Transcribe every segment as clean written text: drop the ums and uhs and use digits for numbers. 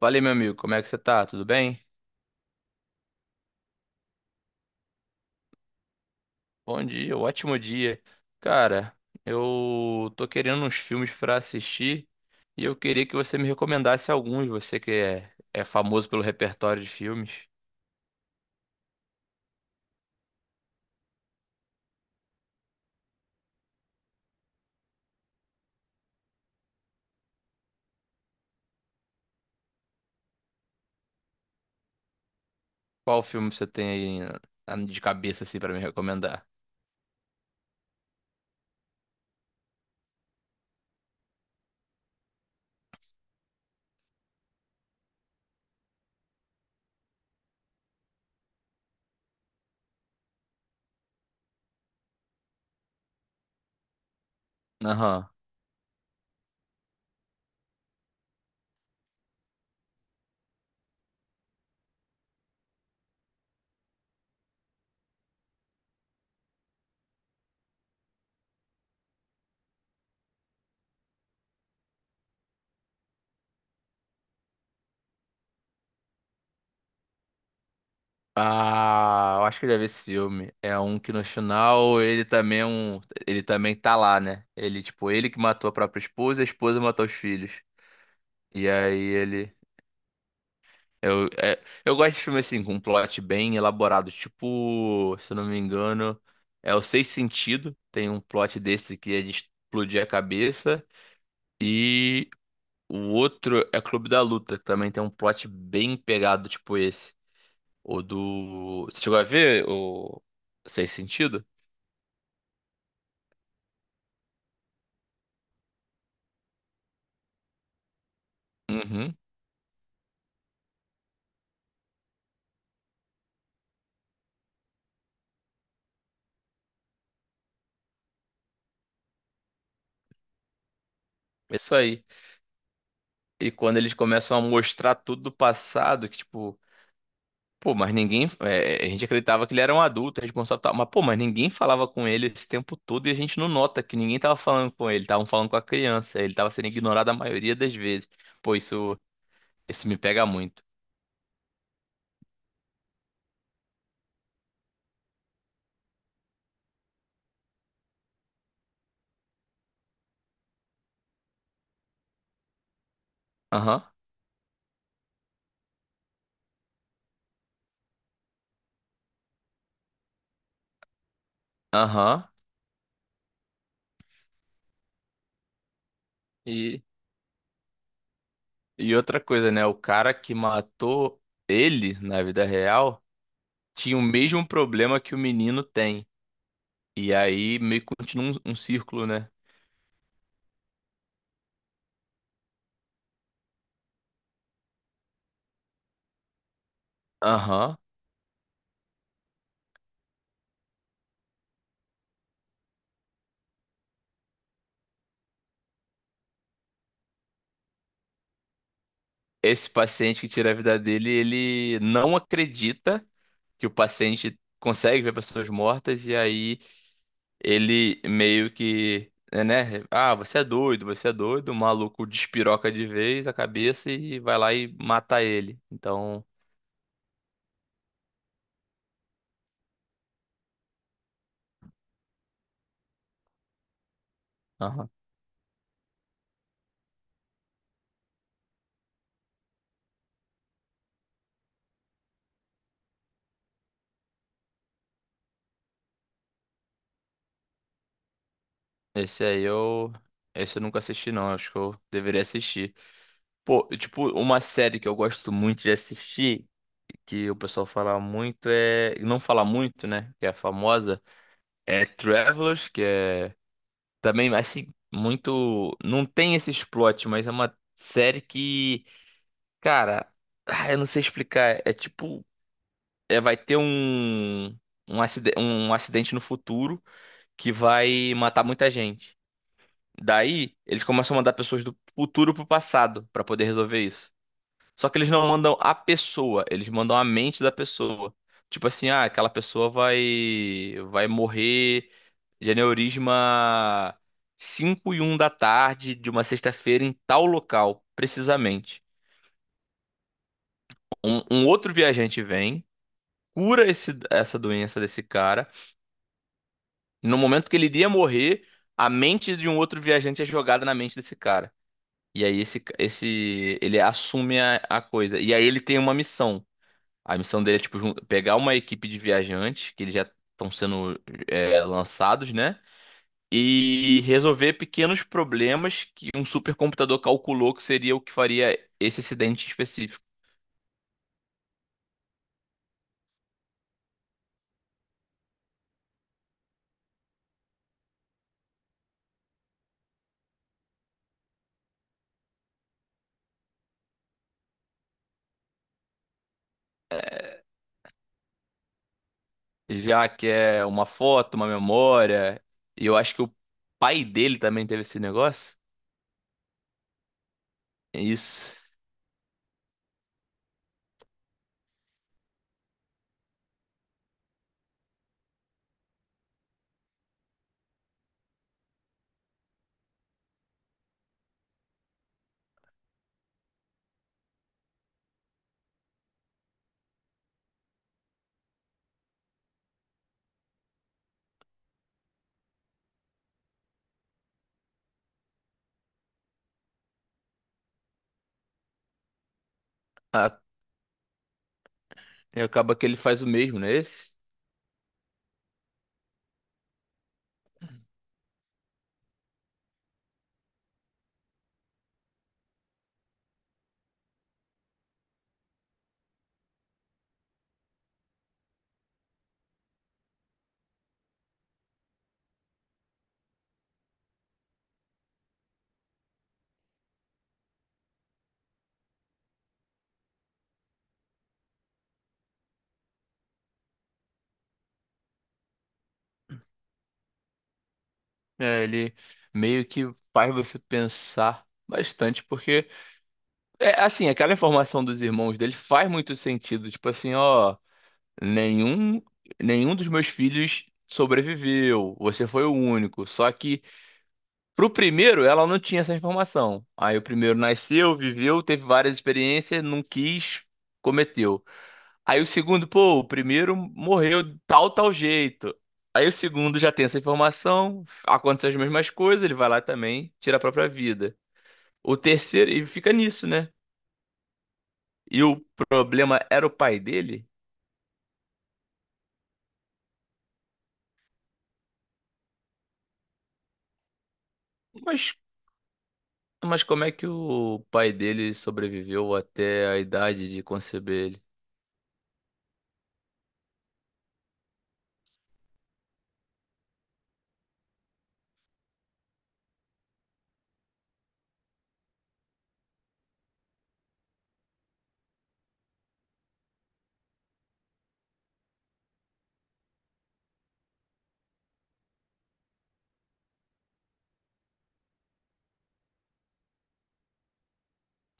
Valeu, meu amigo. Como é que você tá? Tudo bem? Bom dia, ótimo dia. Cara, eu tô querendo uns filmes pra assistir e eu queria que você me recomendasse alguns. Você que é famoso pelo repertório de filmes. Qual filme você tem aí de cabeça assim pra me recomendar? Aham. Ah, eu acho que eu já vi esse filme. É um que no final ele também tá lá, né? Ele tipo, ele que matou a própria esposa, e a esposa matou os filhos. E aí ele Eu gosto de filme assim, com um plot bem elaborado. Tipo, se eu não me engano, é o Seis Sentido. Tem um plot desse que é de explodir a cabeça. E o outro é Clube da Luta, que também tem um plot bem pegado, tipo esse. Ou do. Você chegou a ver o Seis Sentido? Uhum. Isso aí. E quando eles começam a mostrar tudo do passado, que tipo. Pô, mas ninguém. A gente acreditava que ele era um adulto, responsável e tal. Mas, pô, mas ninguém falava com ele esse tempo todo e a gente não nota que ninguém tava falando com ele. Estavam falando com a criança. Ele tava sendo ignorado a maioria das vezes. Pô, isso me pega muito. Aham, aham. E, e outra coisa, né? O cara que matou ele na vida real tinha o mesmo problema que o menino tem. E aí meio que continua um círculo, né? Aham. Esse paciente que tira a vida dele, ele não acredita que o paciente consegue ver pessoas mortas e aí ele meio que, né? Ah, você é doido, você é doido. O maluco despiroca de vez a cabeça e vai lá e mata ele. Então, aham. Esse aí eu. Esse eu nunca assisti, não. Acho que eu deveria assistir. Pô, tipo, uma série que eu gosto muito de assistir, que o pessoal fala muito, é. Não fala muito, né? Que é famosa. É Travelers, que é Também, assim, muito. Não tem esse plot, mas é uma série que, cara, ah, eu não sei explicar. É tipo. É, vai ter um acidente no futuro que vai matar muita gente. Daí, eles começam a mandar pessoas do futuro pro passado pra poder resolver isso. Só que eles não mandam a pessoa, eles mandam a mente da pessoa. Tipo assim, ah, aquela pessoa vai morrer de aneurisma 5:01 da tarde de uma sexta-feira em tal local, precisamente. Um outro viajante vem, cura essa doença desse cara. No momento que ele iria morrer, a mente de um outro viajante é jogada na mente desse cara. E aí esse ele assume a coisa. E aí ele tem uma missão. A missão dele é tipo pegar uma equipe de viajantes que eles já estão sendo lançados, né? E resolver pequenos problemas que um supercomputador calculou que seria o que faria esse acidente específico. Já que é uma foto, uma memória, e eu acho que o pai dele também teve esse negócio. É isso. Ah, e acaba que ele faz o mesmo, né? Esse? É, ele meio que faz você pensar bastante, porque é assim, aquela informação dos irmãos dele faz muito sentido. Tipo assim, ó. Nenhum, nenhum dos meus filhos sobreviveu. Você foi o único. Só que pro primeiro ela não tinha essa informação. Aí o primeiro nasceu, viveu, teve várias experiências, não quis, cometeu. Aí o segundo, pô, o primeiro morreu de tal, tal jeito. Aí o segundo já tem essa informação, acontecem as mesmas coisas, ele vai lá também, tira a própria vida. O terceiro, e fica nisso, né? E o problema era o pai dele? Mas Mas como é que o pai dele sobreviveu até a idade de conceber ele?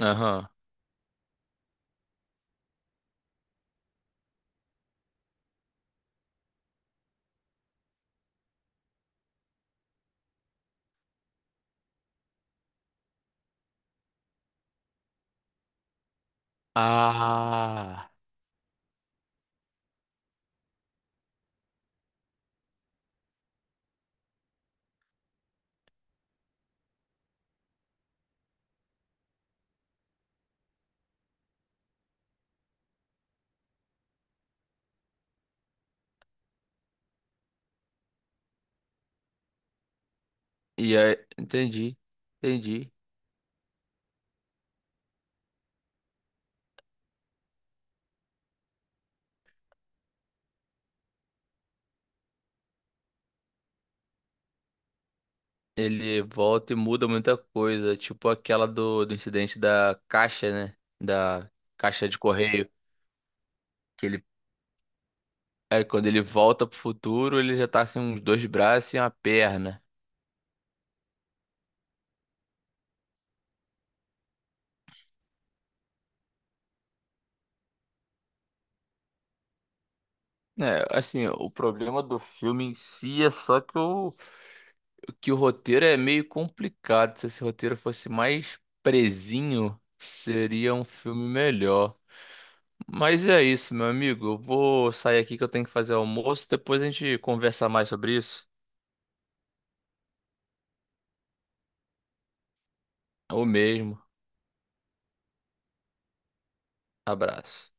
Aham. Ah, E aí, entendi, entendi. Ele volta e muda muita coisa, tipo aquela do incidente da caixa, né? Da caixa de correio. Que ele, quando ele volta pro futuro, ele já tá sem uns dois braços e uma perna. É, assim, o problema do filme em si é só que o roteiro é meio complicado. Se esse roteiro fosse mais presinho, seria um filme melhor. Mas é isso, meu amigo. Eu vou sair aqui que eu tenho que fazer almoço. Depois a gente conversa mais sobre isso. É o mesmo. Abraço.